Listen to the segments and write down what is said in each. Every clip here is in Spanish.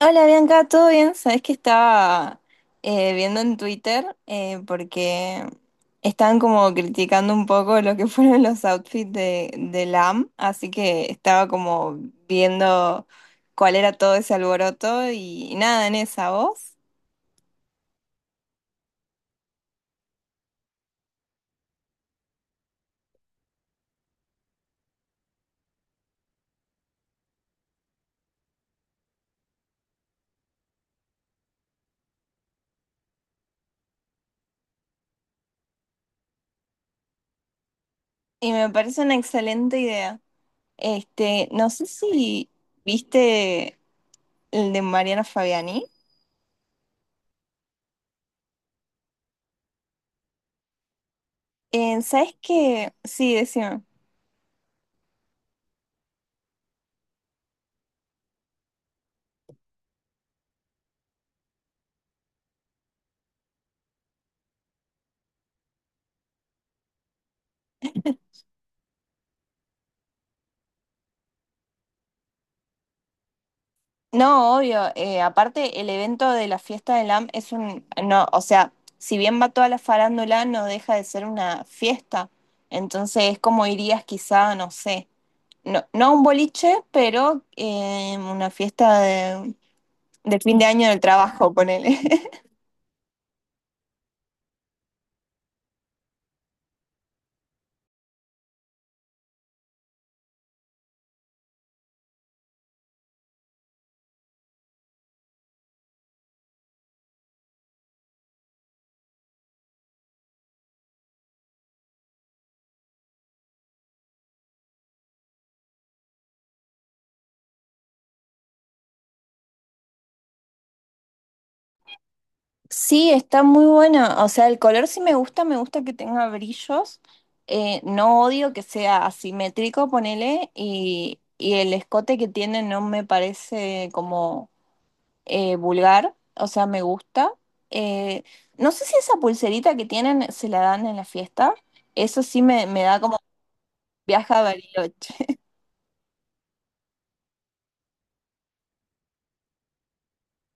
Hola Bianca, ¿todo bien? Sabes que estaba viendo en Twitter porque estaban como criticando un poco lo que fueron los outfits de LAM, así que estaba como viendo cuál era todo ese alboroto y nada en esa voz. Y me parece una excelente idea. Este, no sé si viste el de Mariana Fabiani. ¿Sabes qué? Sí, decime. No, obvio. Aparte, el evento de la fiesta del AM es un, no, o sea, si bien va toda la farándula, no deja de ser una fiesta. Entonces es como irías quizá, no sé, no a un boliche, pero una fiesta de fin de año del trabajo, ponele. Sí, está muy buena. O sea, el color sí me gusta que tenga brillos. No odio que sea asimétrico, ponele, y el escote que tiene no me parece como vulgar, o sea, me gusta. Eh, no sé si esa pulserita que tienen se la dan en la fiesta. Eso sí me da como viaje a Bariloche.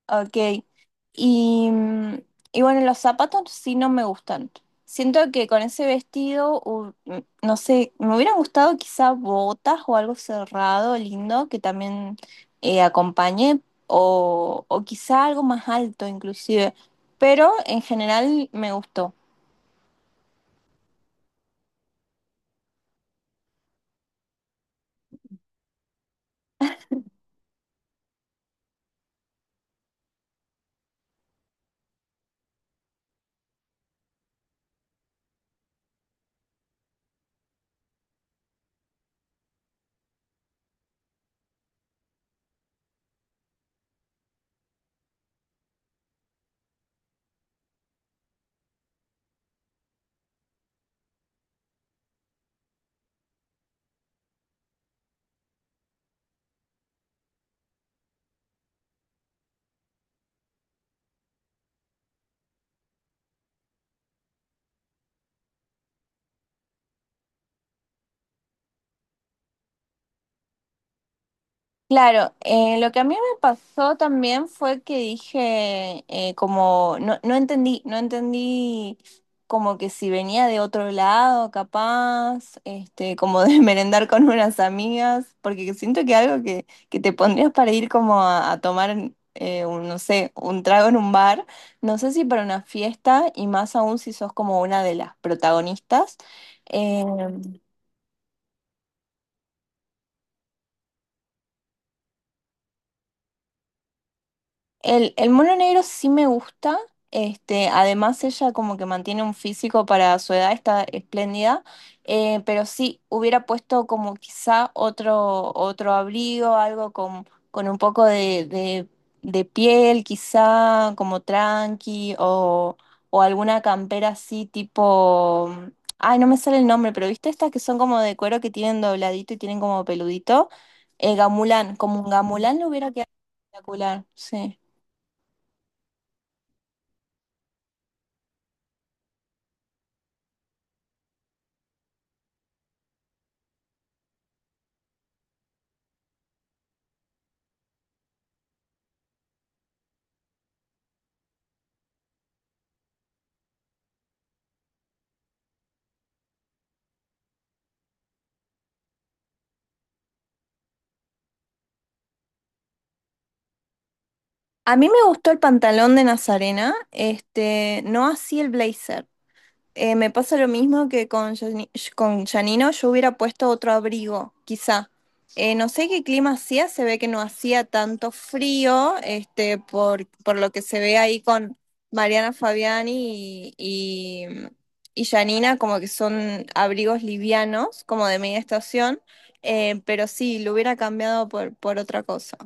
Ok. Y, mm, y bueno, los zapatos sí no me gustan. Siento que con ese vestido, no sé, me hubieran gustado quizá botas o algo cerrado, lindo, que también acompañe, o quizá algo más alto inclusive. Pero en general me gustó. Claro, lo que a mí me pasó también fue que dije, como, no entendí, no entendí como que si venía de otro lado, capaz, este, como de merendar con unas amigas, porque siento que algo que te pondrías para ir como a tomar, un, no sé, un trago en un bar, no sé si para una fiesta y más aún si sos como una de las protagonistas. eh, el mono negro sí me gusta. Este, además ella como que mantiene un físico para su edad, está espléndida. Pero sí, hubiera puesto como quizá otro, otro abrigo, algo con un poco de piel, quizá como tranqui, o alguna campera así tipo. Ay, no me sale el nombre, pero viste estas que son como de cuero que tienen dobladito y tienen como peludito. Gamulán, como un gamulán le hubiera quedado espectacular, sí. A mí me gustó el pantalón de Nazarena, este, no así el blazer. Me pasa lo mismo que con, Yani- con Janino, yo hubiera puesto otro abrigo, quizá. No sé qué clima hacía, se ve que no hacía tanto frío, este, por lo que se ve ahí con Mariana Fabiani y Janina, como que son abrigos livianos, como de media estación, pero sí, lo hubiera cambiado por otra cosa.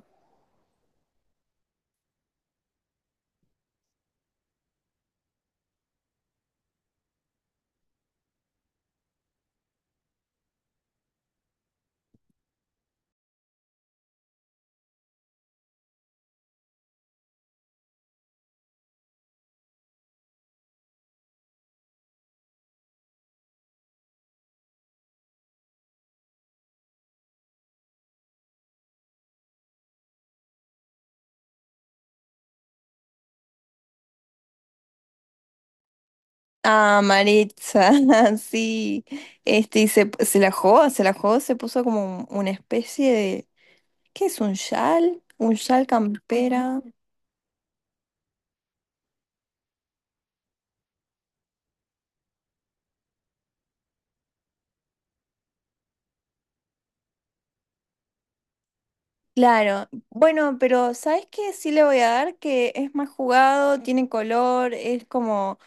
Ah, Maritza, sí. Este, y se la jugó, se la jugó, se puso como un- una especie de. ¿Qué es un chal? ¿Un chal campera? Claro. Bueno, pero ¿sabes qué? Sí le voy a dar que es más jugado, tiene color, es como.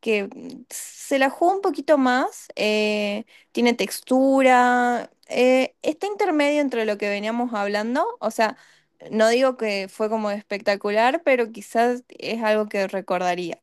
Que se la juega un poquito más, tiene textura, está intermedio entre lo que veníamos hablando, o sea, no digo que fue como espectacular, pero quizás es algo que recordaría.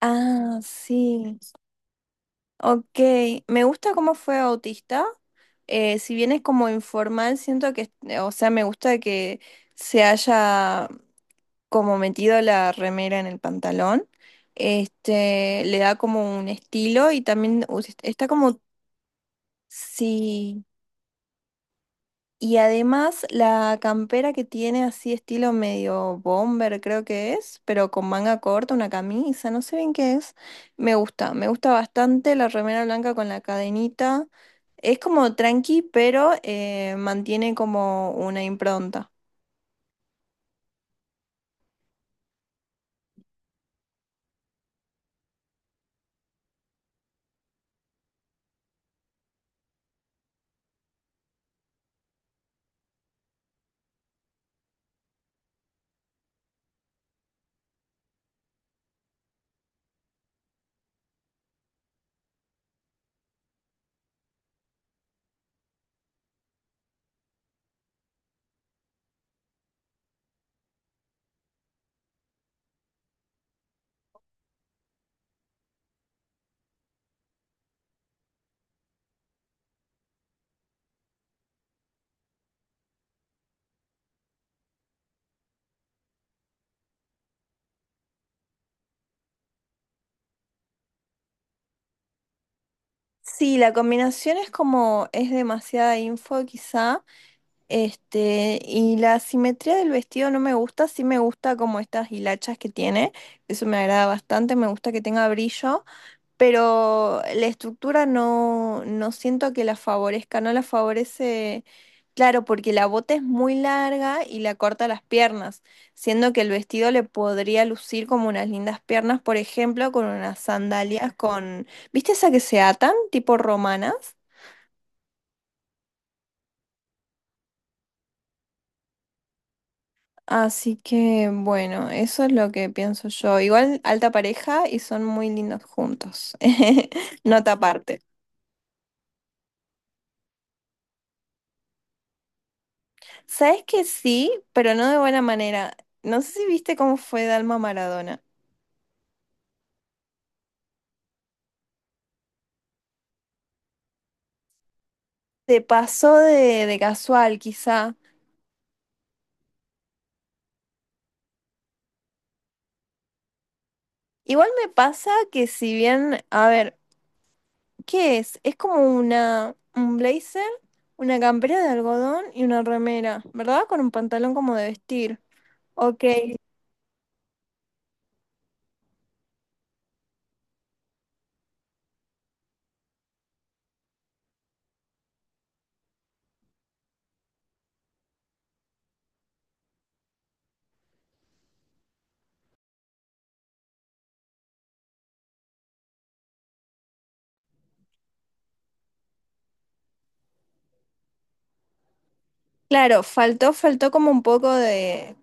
Ah, sí, ok, me gusta cómo fue Autista, si bien es como informal, siento que, o sea, me gusta que se haya como metido la remera en el pantalón, este, le da como un estilo y también us- está como, sí, y además la campera que tiene así estilo medio bomber creo que es, pero con manga corta, una camisa, no sé bien qué es, me gusta bastante la remera blanca con la cadenita, es como tranqui, pero mantiene como una impronta. Sí, la combinación es como, es demasiada info quizá, este, y la simetría del vestido no me gusta, sí me gusta como estas hilachas que tiene, eso me agrada bastante, me gusta que tenga brillo, pero la estructura no, no siento que la favorezca, no la favorece, claro, porque la bota es muy larga y la corta las piernas, siendo que el vestido le podría lucir como unas lindas piernas, por ejemplo, con unas sandalias con, ¿viste esa que se atan, tipo romanas? Así que bueno, eso es lo que pienso yo. Igual alta pareja y son muy lindos juntos. Nota aparte. Sabes que sí, pero no de buena manera. No sé si viste cómo fue Dalma Maradona. Se pasó de casual, quizá. Igual me pasa que si bien, a ver, ¿qué es? Es como una, un blazer, una campera de algodón y una remera, ¿verdad? Con un pantalón como de vestir. Ok. Claro, faltó, faltó como un poco de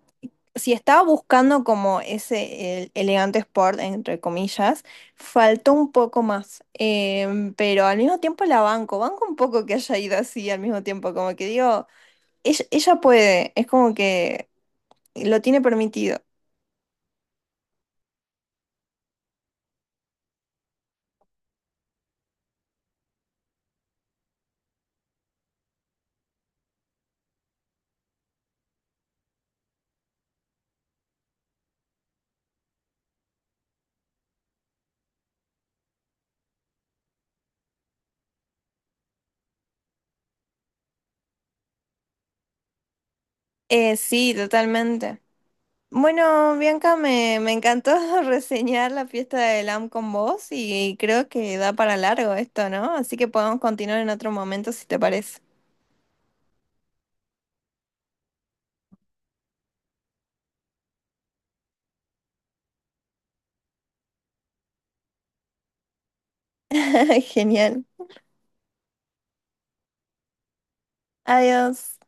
si estaba buscando como ese el- elegante sport, entre comillas, faltó un poco más. Em, pero al mismo tiempo la banco. Banco un poco que haya ido así al mismo tiempo. Como que digo, ella puede. Es como que lo tiene permitido. Sí, totalmente. Bueno, Bianca, me encantó reseñar la fiesta de LAM con vos y creo que da para largo esto, ¿no? Así que podemos continuar en otro momento si te parece. Genial. Adiós.